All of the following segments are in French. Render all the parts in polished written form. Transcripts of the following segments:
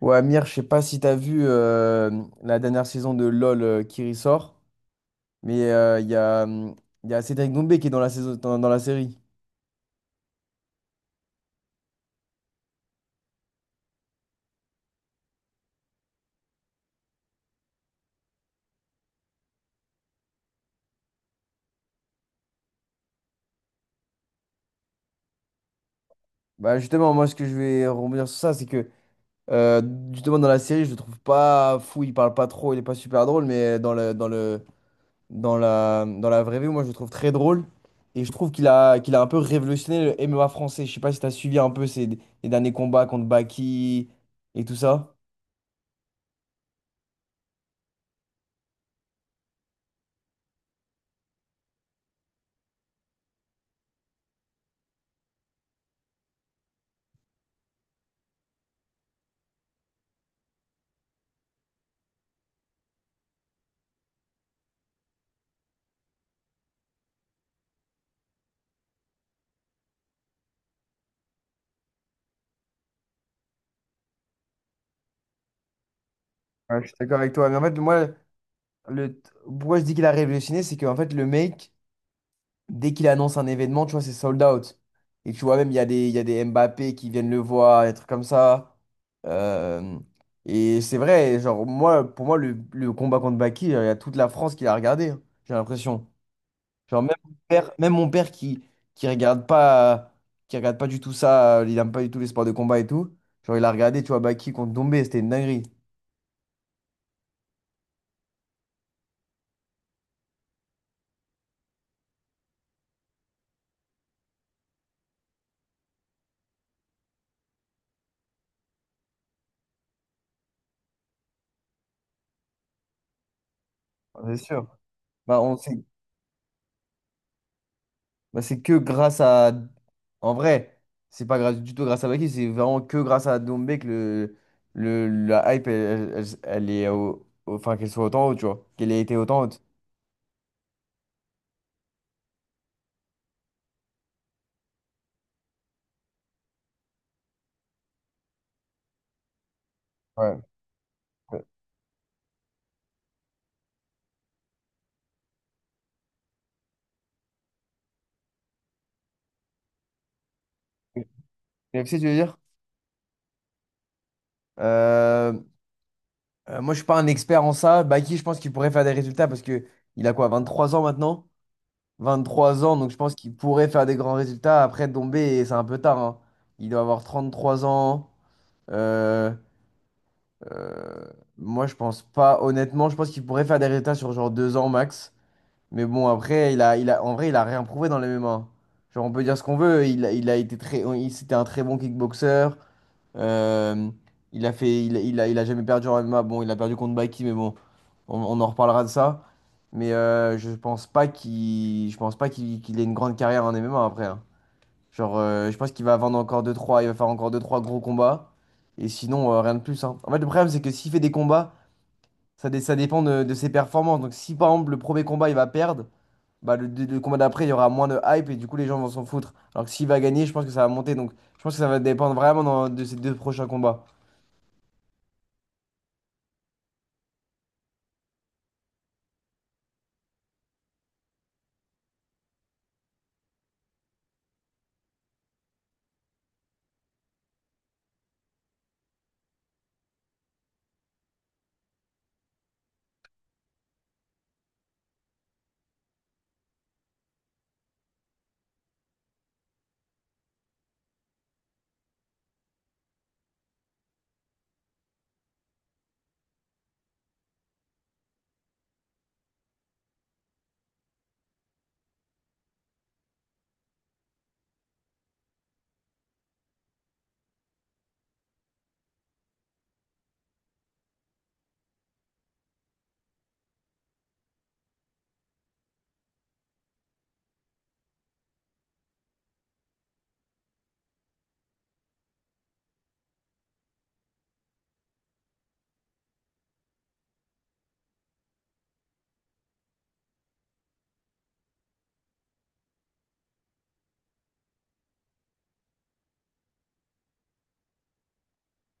Ouais, Amir, je sais pas si t'as vu la dernière saison de LOL qui ressort, mais il y a Cédric Doumbé qui est dans la saison, dans la série. Bah justement, moi ce que je vais rebondir sur ça, c'est que euh, justement dans la série, je le trouve pas fou, il parle pas trop, il est pas super drôle, mais dans la vraie vie, moi je le trouve très drôle. Et je trouve qu'il a un peu révolutionné le MMA français. Je sais pas si t'as suivi un peu ses, les derniers combats contre Baki et tout ça. Ouais, je suis d'accord avec toi. Mais en fait, moi, le... Pourquoi je dis qu'il a révolutionné, c'est qu'en fait, le mec, dès qu'il annonce un événement, tu vois, c'est sold out. Et tu vois, même, il y a des Mbappé qui viennent le voir, des trucs comme ça. Euh, Et c'est vrai, genre, moi, pour moi, le combat contre Baki, il y a toute la France qui l'a regardé, hein, j'ai l'impression. Genre, même mon père qui regarde pas, qui regarde pas du tout ça, il aime pas du tout les sports de combat et tout, genre, il a regardé, tu vois, Baki contre Dombé, c'était une dinguerie. Ah, c'est sûr. Bah, on, sait, c'est que grâce à... En vrai, c'est pas grâce, du tout grâce à Baki, c'est vraiment que grâce à Dombé que la hype, elle est au... au- Enfin, qu'elle soit autant haute, tu vois. Qu'elle ait été autant haute. Ouais. UFC, tu veux dire? Euh, moi, je suis pas un expert en ça. Baki, je pense qu'il pourrait faire des résultats parce que il a quoi, 23 ans maintenant? 23 ans, donc je pense qu'il pourrait faire des grands résultats. Après, Dombé, c'est un peu tard, hein. Il doit avoir 33 ans. Euh, Euh, moi, je pense pas, honnêtement, je pense qu'il pourrait faire des résultats sur genre deux ans max. Mais bon, après, en vrai, il a rien prouvé dans les MMA. Genre, on peut dire ce qu'on veut. Il a été très, c'était un très bon kickboxer. Euh, il a jamais perdu en MMA. Bon, il a perdu contre Baki, mais bon, on en reparlera de ça. Mais je pense pas qu'il ait une grande carrière en MMA après, hein. Genre, je pense qu'il va vendre encore deux trois il va faire encore deux trois gros combats. Et sinon, rien de plus, hein. En fait, le problème, c'est que s'il fait des combats, ça dépend de ses performances. Donc, si par exemple, le premier combat, il va perdre, bah, le combat d'après, il y aura moins de hype et du coup, les gens vont s'en foutre. Alors que s'il va gagner, je pense que ça va monter. Donc, je pense que ça va dépendre vraiment de ces deux prochains combats.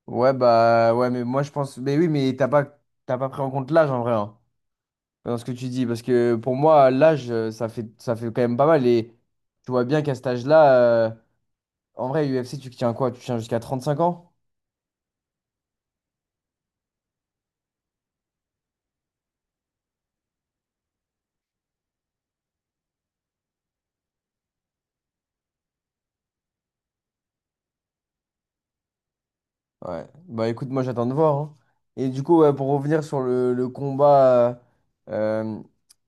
Ouais, mais moi, je pense. Mais oui, mais t'as pas pris en compte l'âge en vrai, hein, dans ce que tu dis. Parce que pour moi, l'âge, ça fait quand même pas mal. Et tu vois bien qu'à cet âge-là, euh, en vrai, UFC, tu tiens quoi? Tu tiens jusqu'à 35 ans? Ouais. Bah écoute, moi j'attends de voir, hein. Et du coup, ouais, pour revenir sur le combat, euh,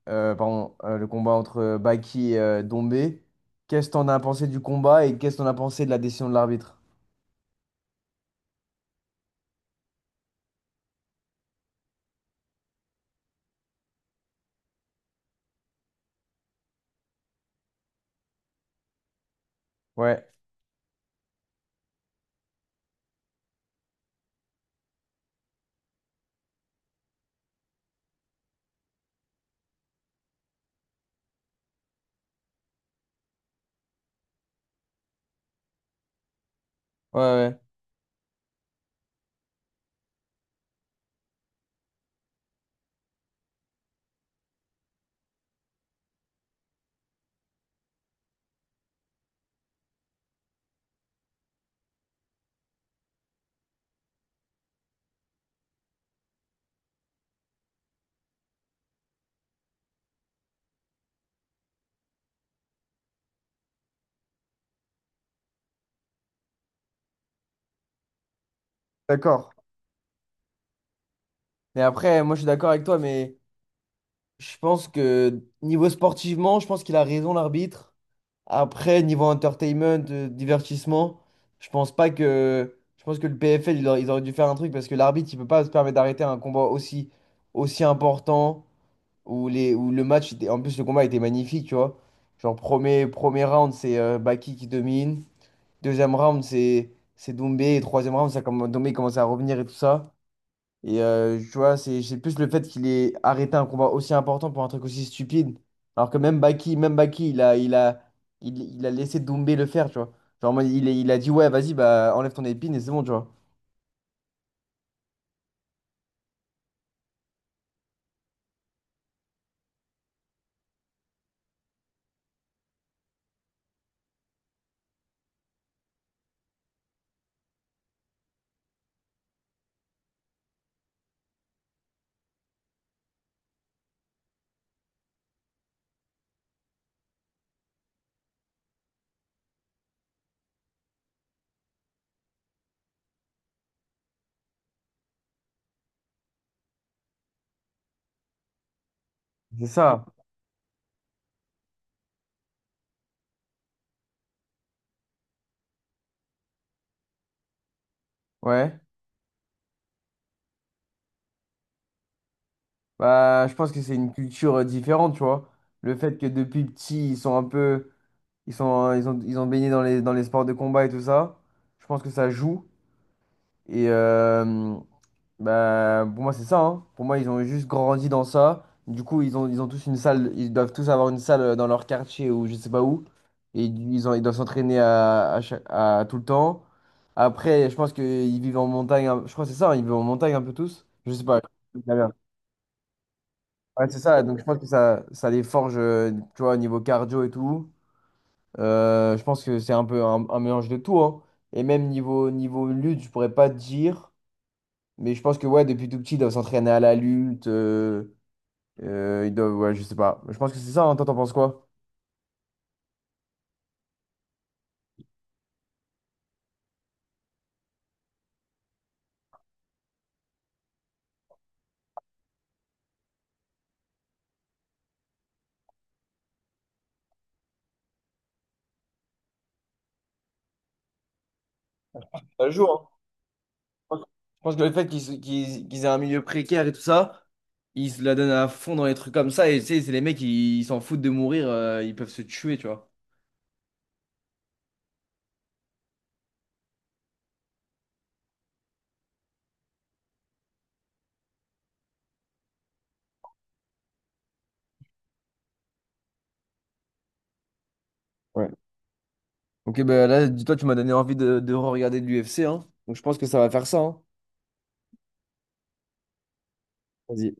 pardon, le combat entre Baki et Dombé, qu'est-ce que t'en as pensé du combat et qu'est-ce que t'en as pensé de la décision de l'arbitre? Ouais, ouais, ouais. D'accord. Mais après, moi je suis d'accord avec toi, mais je pense que niveau sportivement, je pense qu'il a raison l'arbitre. Après, niveau entertainment, divertissement, je pense pas que... Je pense que le PFL, ils auraient dû faire un truc parce que l'arbitre, il peut pas se permettre d'arrêter un combat aussi important où, où le match était. En plus, le combat était magnifique, tu vois. Genre, premier round, c'est Baki qui domine. Deuxième round, c'est Doumbé. Et troisième round, Doumbé commence à revenir et tout ça. Et tu vois, c'est plus le fait qu'il ait arrêté un combat aussi important pour un truc aussi stupide. Alors que même Baki, il a, il a, il a laissé Doumbé le faire, tu vois. Genre, en mode, il a dit, ouais, vas-y, bah, enlève ton épine et c'est bon, tu vois. C'est ça. Ouais. Bah, je pense que c'est une culture différente, tu vois. Le fait que depuis petit, ils sont un peu... ils ont baigné dans dans les sports de combat et tout ça. Je pense que ça joue. Et, bah, pour moi, c'est ça, hein. Pour moi, ils ont juste grandi dans ça. Du coup, ils ont tous une salle. Ils doivent tous avoir une salle dans leur quartier ou je sais pas où. Et ils doivent s'entraîner à tout le temps. Après, je pense qu'ils vivent en montagne. Je crois que c'est ça, hein. Ils vivent en montagne un peu tous. Je sais pas, je sais pas bien. Ouais, c'est ça. Donc, je pense que ça les forge, tu vois, au niveau cardio et tout. Je pense que c'est un peu un mélange de tout, hein. Et même niveau lutte, je pourrais pas te dire. Mais je pense que ouais, depuis tout petit, ils doivent s'entraîner à la lutte. Ils doivent, ouais, je sais pas. Je pense que c'est ça, hein. Toi, t'en penses quoi? Ça joue, hein. Je pense que le fait qu'ils aient un milieu précaire et tout ça, ils se la donnent à fond dans les trucs comme ça. Et tu sais, c'est les mecs, ils s'en foutent de mourir, ils peuvent se tuer, tu vois. Ok, bah là, dis-toi, tu m'as donné envie de regarder de l'UFC, hein. Donc je pense que ça va faire ça, hein. Vas-y.